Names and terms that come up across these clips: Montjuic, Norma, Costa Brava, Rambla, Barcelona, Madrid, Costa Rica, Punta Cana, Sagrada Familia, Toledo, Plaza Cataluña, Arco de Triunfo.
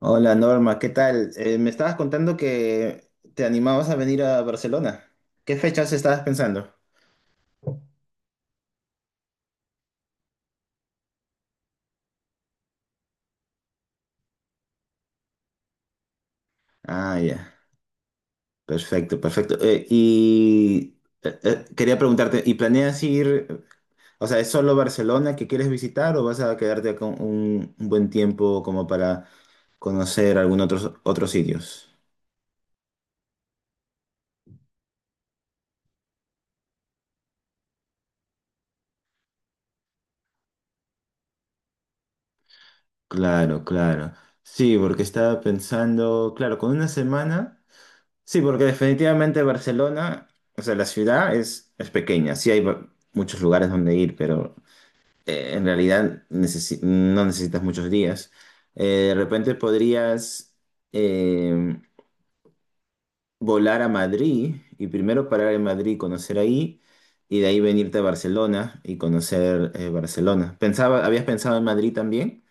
Hola Norma, ¿qué tal? Me estabas contando que te animabas a venir a Barcelona. ¿Qué fechas estabas pensando? Ah, ya. Perfecto, perfecto. Quería preguntarte, ¿y planeas ir, o sea, es solo Barcelona que quieres visitar o vas a quedarte con un buen tiempo como para conocer algunos otros sitios? Claro, claro. Sí, porque estaba pensando, claro, con una semana. Sí, porque definitivamente Barcelona, o sea, la ciudad es pequeña, sí hay muchos lugares donde ir, pero en realidad no necesitas muchos días. De repente podrías eh, volar a Madrid y primero parar en Madrid, conocer ahí, y de ahí venirte a Barcelona y conocer Barcelona. Pensaba, ¿habías pensado en Madrid también?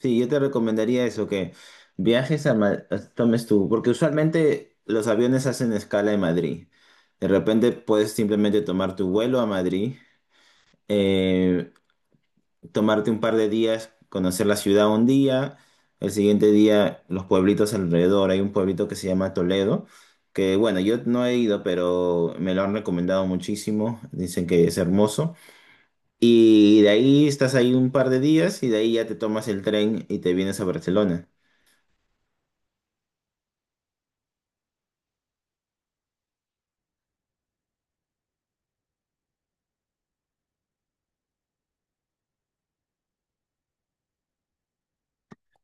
Sí, yo te recomendaría eso, que viajes a tomes tú, porque usualmente los aviones hacen escala en Madrid. De repente puedes simplemente tomar tu vuelo a Madrid, eh, tomarte un par de días, conocer la ciudad un día, el siguiente día los pueblitos alrededor. Hay un pueblito que se llama Toledo, que bueno, yo no he ido, pero me lo han recomendado muchísimo, dicen que es hermoso. Y de ahí estás ahí un par de días y de ahí ya te tomas el tren y te vienes a Barcelona.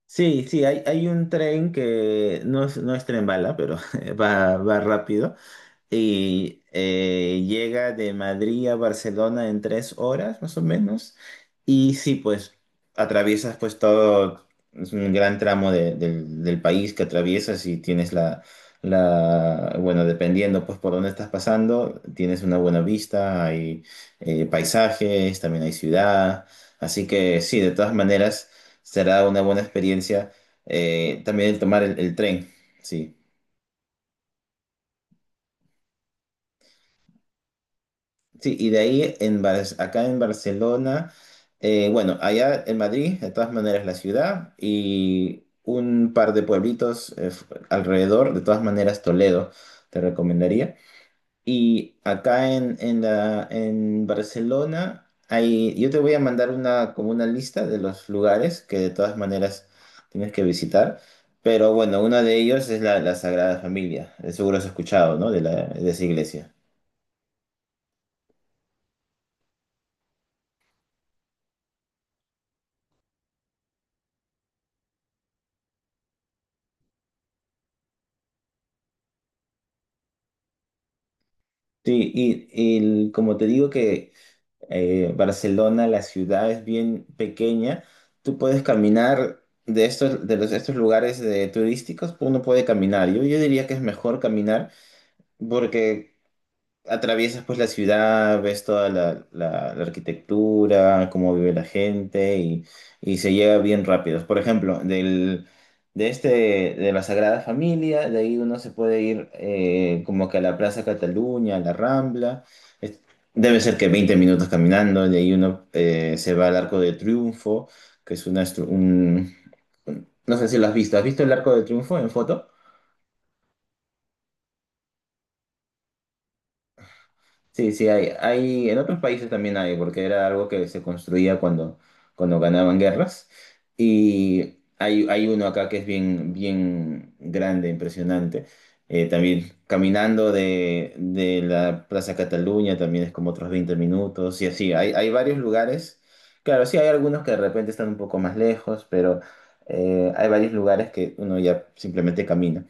Sí, hay un tren que no es tren bala, pero va rápido, y llega de Madrid a Barcelona en 3 horas, más o menos. Y sí, pues atraviesas pues todo, es un gran tramo del país que atraviesas y tienes bueno, dependiendo pues por dónde estás pasando, tienes una buena vista, hay paisajes, también hay ciudad. Así que sí, de todas maneras será una buena experiencia también el tomar el tren, sí. Sí, y de ahí en acá en Barcelona, bueno, allá en Madrid, de todas maneras la ciudad y un par de pueblitos alrededor, de todas maneras Toledo te recomendaría. Y acá en Barcelona, yo te voy a mandar como una lista de los lugares que de todas maneras tienes que visitar, pero bueno, uno de ellos es la Sagrada Familia, seguro has escuchado, ¿no? De esa iglesia. Sí, y como te digo que Barcelona, la ciudad es bien pequeña, tú puedes caminar de estos, de los, estos lugares de turísticos, uno puede caminar. Yo diría que es mejor caminar porque atraviesas pues la ciudad, ves toda la arquitectura, cómo vive la gente y se llega bien rápido. Por ejemplo, de la Sagrada Familia, de ahí uno se puede ir como que a la Plaza Cataluña, a la Rambla. Es- debe ser que 20 minutos caminando, de ahí uno se va al Arco de Triunfo, que es una... estru- un- no sé si lo has visto. ¿Has visto el Arco de Triunfo en foto? Sí, en otros países también hay, porque era algo que se construía cuando ganaban guerras. Y hay uno acá que es bien, bien grande, impresionante. También caminando de la Plaza Cataluña también es como otros 20 minutos y así. Hay varios lugares. Claro, sí, hay algunos que de repente están un poco más lejos, pero hay varios lugares que uno ya simplemente camina.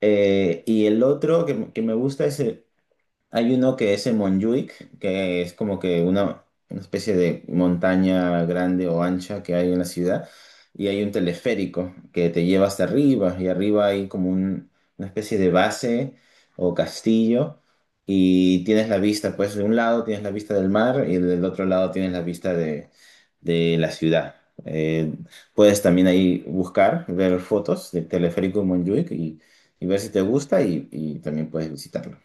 Y el otro que me gusta es el hay uno que es en Montjuic, que es como que una especie de montaña grande o ancha que hay en la ciudad, y hay un teleférico que te lleva hasta arriba, y arriba hay como una especie de base o castillo, y tienes la vista, pues de un lado tienes la vista del mar y del otro lado tienes la vista de la ciudad. Eh, puedes también ahí buscar, ver fotos del teleférico en Montjuic y ver si te gusta y también puedes visitarlo.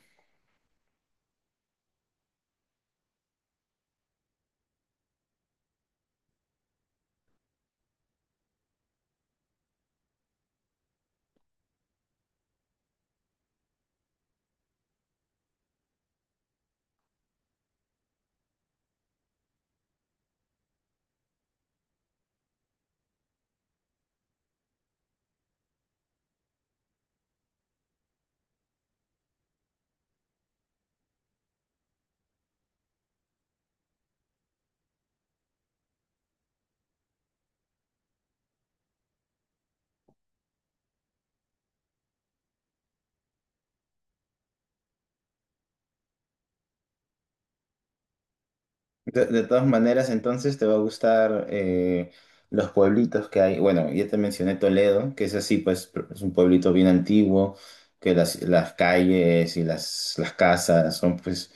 De todas maneras, entonces te va a gustar los pueblitos que hay. Bueno, ya te mencioné Toledo, que es así, pues es un pueblito bien antiguo, que las calles y las casas son pues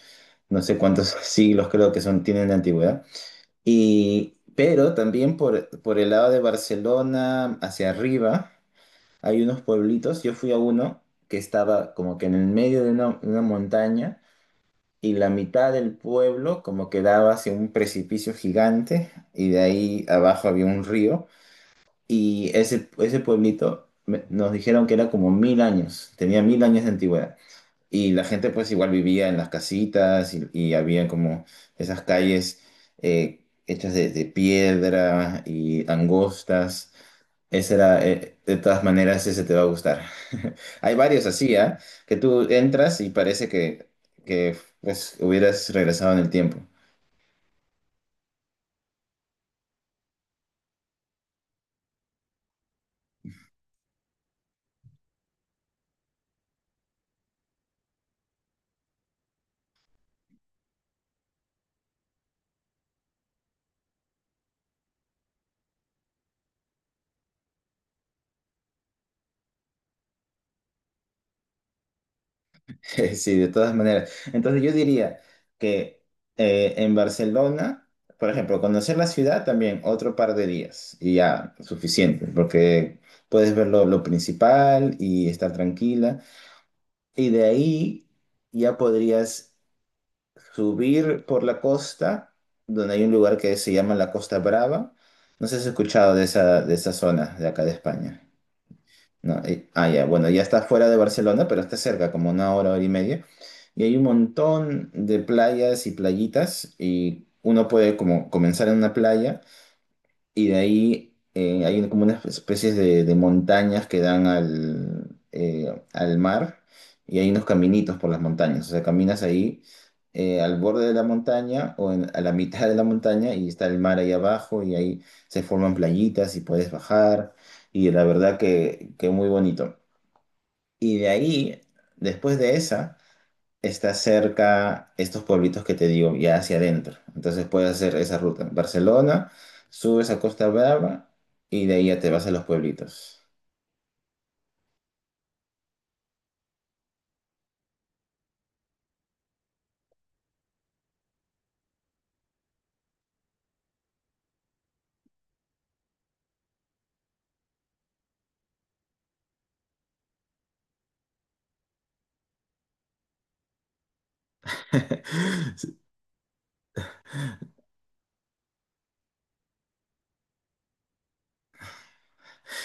no sé cuántos siglos creo que son, tienen de antigüedad. Pero también por el lado de Barcelona, hacia arriba, hay unos pueblitos. Yo fui a uno que estaba como que en el medio de una montaña y la mitad del pueblo como que daba hacia un precipicio gigante y de ahí abajo había un río y ese pueblito nos dijeron que era como 1.000 años, tenía 1.000 años de antigüedad. Y la gente pues igual vivía en las casitas y había como esas calles hechas de piedra y angostas. Ese era, de todas maneras, ese te va a gustar. Hay varios así, ¿ah? Que tú entras y parece que pues hubieras regresado en el tiempo. Sí, de todas maneras. Entonces yo diría que en Barcelona, por ejemplo, conocer la ciudad también otro par de días y ya suficiente, porque puedes ver lo principal y estar tranquila. Y de ahí ya podrías subir por la costa, donde hay un lugar que se llama la Costa Brava. No sé si has escuchado de esa zona de acá de España. No, ya, bueno, ya está fuera de Barcelona, pero está cerca, como una hora, hora y media. Y hay un montón de playas y playitas, y uno puede como comenzar en una playa, y de ahí hay como unas especies de montañas que dan al mar, y hay unos caminitos por las montañas. O sea, caminas ahí al borde de la montaña o a la mitad de la montaña, y está el mar ahí abajo, y ahí se forman playitas y puedes bajar, y la verdad que muy bonito. Y de ahí, después de esa, está cerca estos pueblitos que te digo, ya hacia adentro. Entonces puedes hacer esa ruta. Barcelona, subes a Costa Brava y de ahí ya te vas a los pueblitos.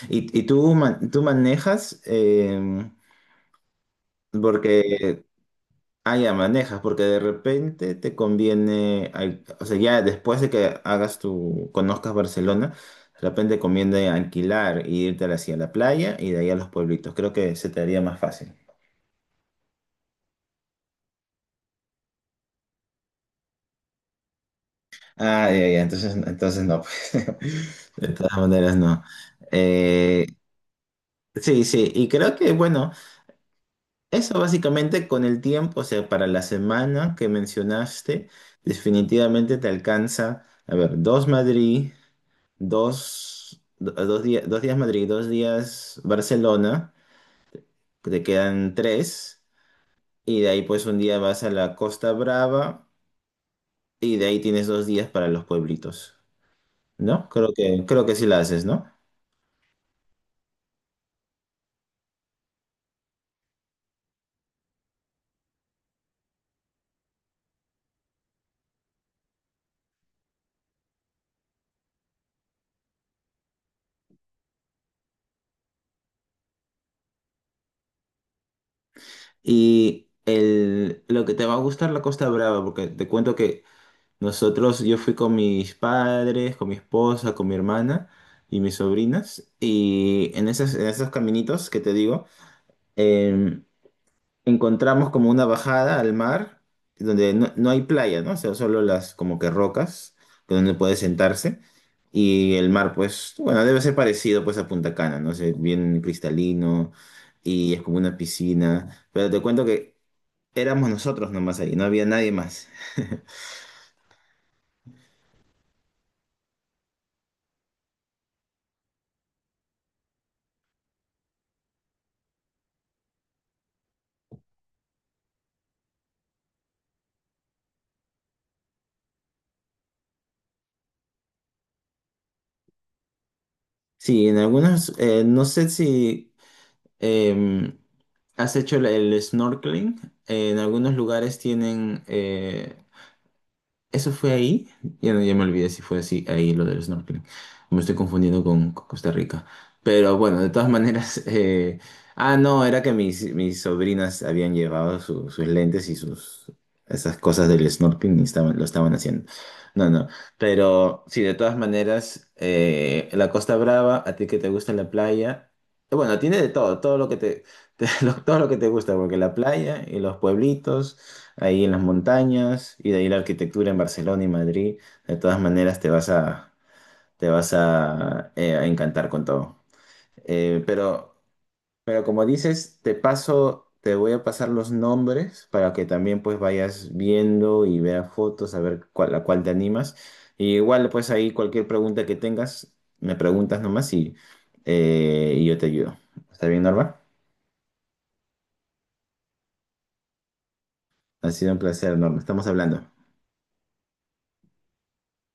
¿Y tú manejas? Porque, ah, ya manejas, porque de repente te conviene, o sea, ya después de que hagas conozcas Barcelona, de repente conviene alquilar y irte hacia la playa y de ahí a los pueblitos. Creo que se te haría más fácil. Ah, ya, ya, entonces, no, pues. De todas maneras, no. Eh, sí, sí, y creo que, bueno, eso básicamente con el tiempo, o sea, para la semana que mencionaste, definitivamente te alcanza, a ver, dos Madrid, 2 días, 2 días Madrid, 2 días Barcelona, que te quedan tres, y de ahí pues un día vas a la Costa Brava, y de ahí tienes 2 días para los pueblitos, ¿no? Creo que sí la haces, ¿no? Y lo que te va a gustar la Costa Brava, porque te cuento que nosotros, yo fui con mis padres, con mi esposa, con mi hermana y mis sobrinas, y en esos caminitos que te digo, em, encontramos como una bajada al mar, donde no hay playa, ¿no? O sea, solo las como que rocas, que donde puede sentarse, y el mar, pues, bueno, debe ser parecido pues a Punta Cana, ¿no? sé bien cristalino, y es como una piscina. Pero te cuento que éramos nosotros nomás ahí, no había nadie más. Sí, en algunos, no sé si em, has hecho el snorkeling. En algunos lugares tienen. Eso fue ahí. Ya, ya me olvidé si fue así ahí lo del snorkeling. Me estoy confundiendo con Costa Rica. Pero bueno, de todas maneras. Ah, no, era que mis sobrinas habían llevado sus lentes y sus esas cosas del snorkeling y lo estaban haciendo. No, no. Pero sí, de todas maneras, la Costa Brava, a ti que te gusta la playa. Bueno, tiene de todo, todo lo que te, todo lo que te gusta, porque la playa y los pueblitos ahí en las montañas y de ahí la arquitectura en Barcelona y Madrid. De todas maneras te vas a encantar con todo. Eh, pero, pero como dices, te voy a pasar los nombres para que también pues vayas viendo y veas fotos, a ver a cuál te animas. Y igual pues ahí cualquier pregunta que tengas, me preguntas nomás y yo te ayudo. ¿Está bien, Norma? Ha sido un placer, Norma. Estamos hablando.